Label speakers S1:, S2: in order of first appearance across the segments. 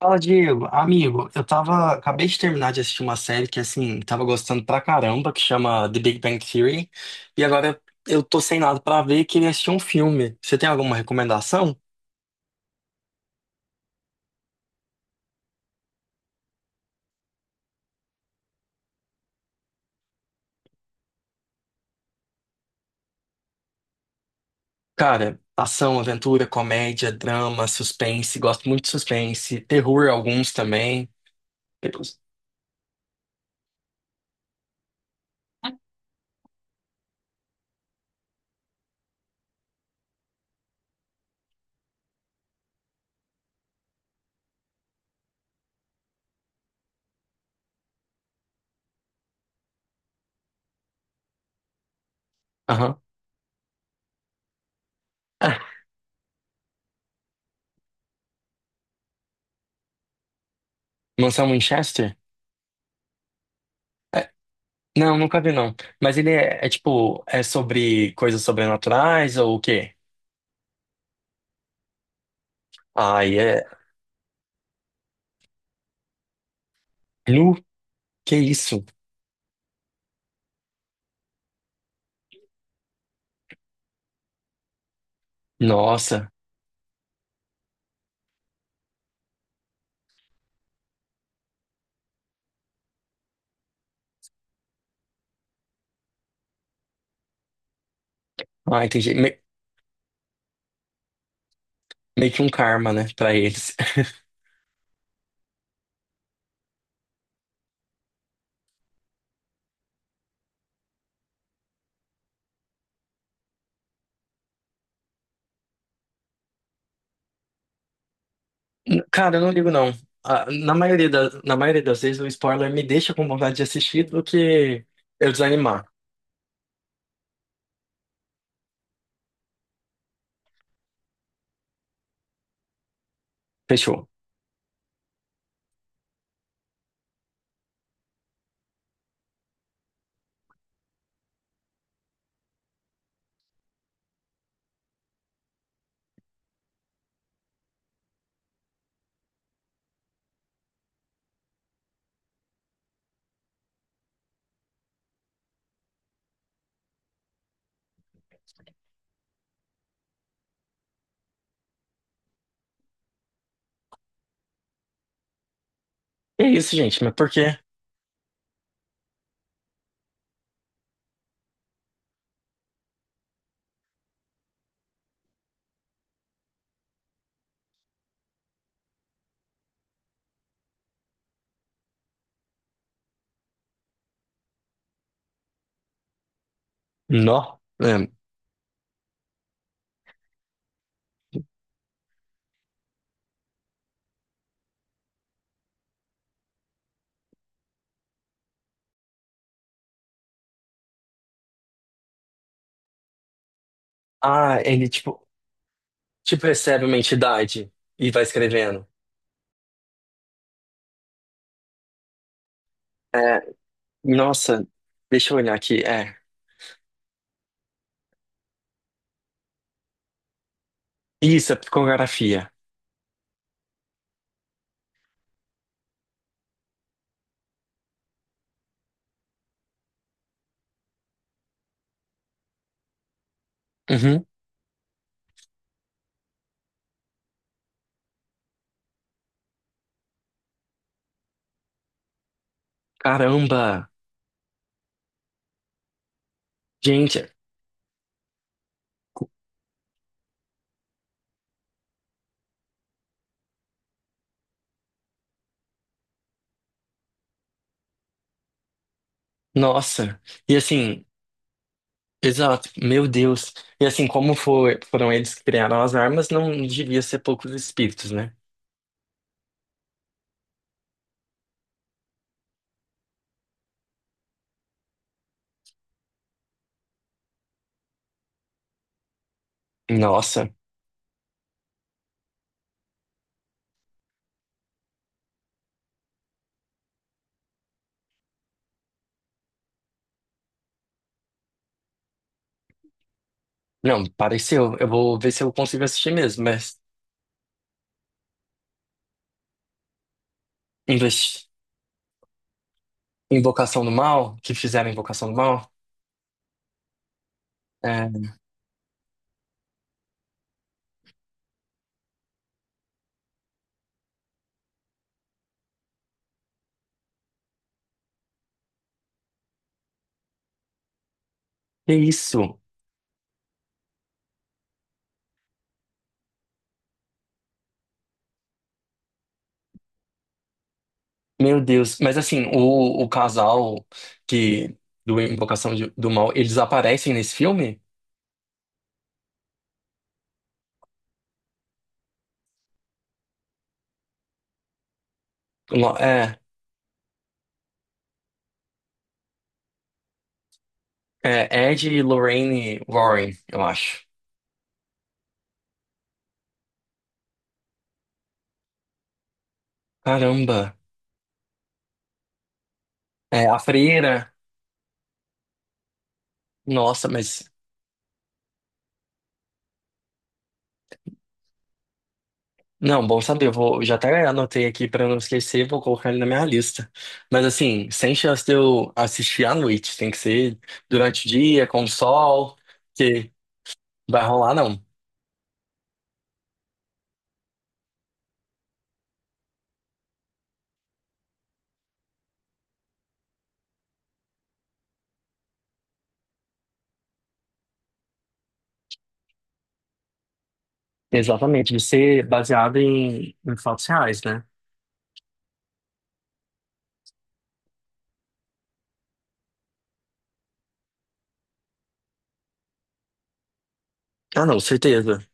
S1: Fala, Diego. Amigo, eu tava, acabei de terminar de assistir uma série que, assim, tava gostando pra caramba, que chama The Big Bang Theory. E agora eu tô sem nada pra ver e queria assistir um filme. Você tem alguma recomendação? Cara, ação, aventura, comédia, drama, suspense. Gosto muito de suspense. Terror, alguns também. Aham. Ah, Mansão Winchester? É, não, nunca vi, não. Mas ele é tipo, é sobre coisas sobrenaturais ou o quê? Ai, é. Nu? Que isso? Nossa. Ah, entendi. Meio que um karma, né, pra eles. Cara, eu não ligo, não. Ah, na maioria das vezes, o spoiler me deixa com vontade de assistir do que eu desanimar. Fechou. É isso, gente. Mas por quê? Nó. É. Ah, ele, tipo, tipo, recebe uma entidade e vai escrevendo. É, nossa, deixa eu olhar aqui. É. Isso, é psicografia. Uhum. Caramba! Gente, nossa. E assim, exato, meu Deus. E assim, como foi, foram eles que criaram as armas, não devia ser poucos espíritos, né? Nossa, não, pareceu. Eu vou ver se eu consigo assistir mesmo, mas investi- Invocação do Mal, que fizeram Invocação do Mal, é, que isso? Meu Deus. Mas assim, o casal que do do Mal, eles aparecem nesse filme? É, é Ed e Lorraine Warren, eu acho. Caramba. É, a freira. Nossa, mas não, bom saber. Eu vou, já até anotei aqui pra eu não esquecer, vou colocar ele na minha lista. Mas assim, sem chance de eu assistir à noite, tem que ser durante o dia, com o sol, que vai rolar, não. Exatamente, de ser baseado em, em fatos reais, né? Ah, não, certeza.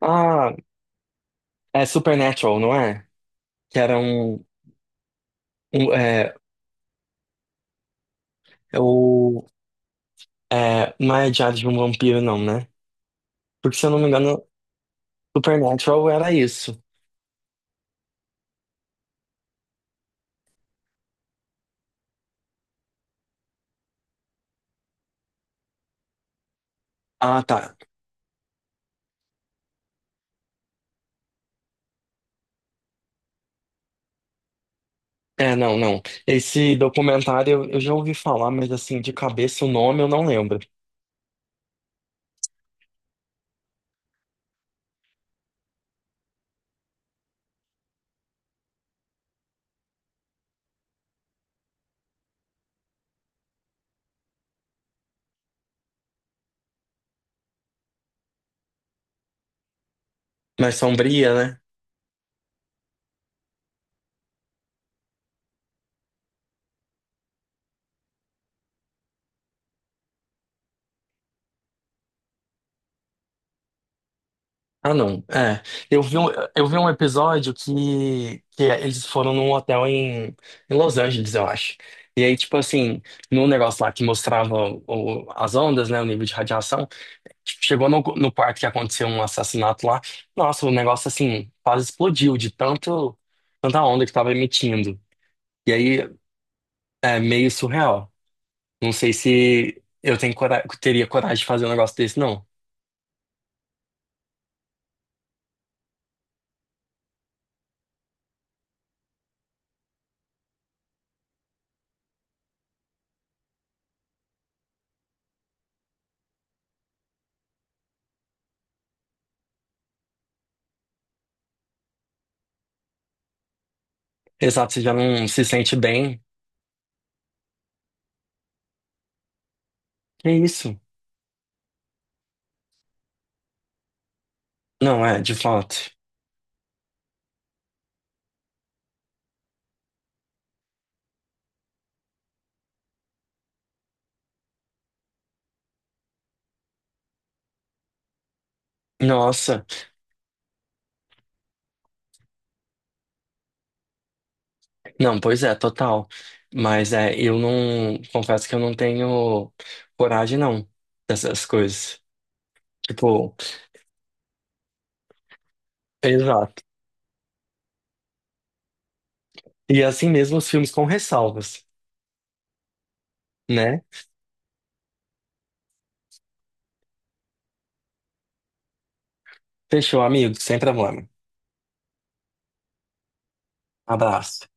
S1: Ah, é Supernatural, não é? Que era um, um é, é o, é, não é Diário de um Vampiro, não, né? Porque se eu não me engano, Supernatural era isso. Ah, tá. É, não, não. Esse documentário eu já ouvi falar, mas assim, de cabeça o nome eu não lembro. Mas Sombria, né? Ah, não. É. Eu vi um, eu vi um episódio que eles foram num hotel em, em Los Angeles, eu acho. E aí, tipo assim, no negócio lá que mostrava o- as ondas, né? O nível de radiação. Tipo, chegou no quarto que aconteceu um assassinato lá. Nossa, o negócio assim, quase explodiu de tanto, tanta onda que tava emitindo. E aí, é meio surreal. Não sei se eu tenho teria coragem de fazer um negócio desse, não. Exato, você já não se sente bem. Que isso? Não, é, de fato. Nossa. Não, pois é, total. Mas é, eu não. Confesso que eu não tenho coragem, não, dessas coisas. Tipo, exato. E assim mesmo os filmes com ressalvas, né? Fechou, amigo. Sem problema. Abraço.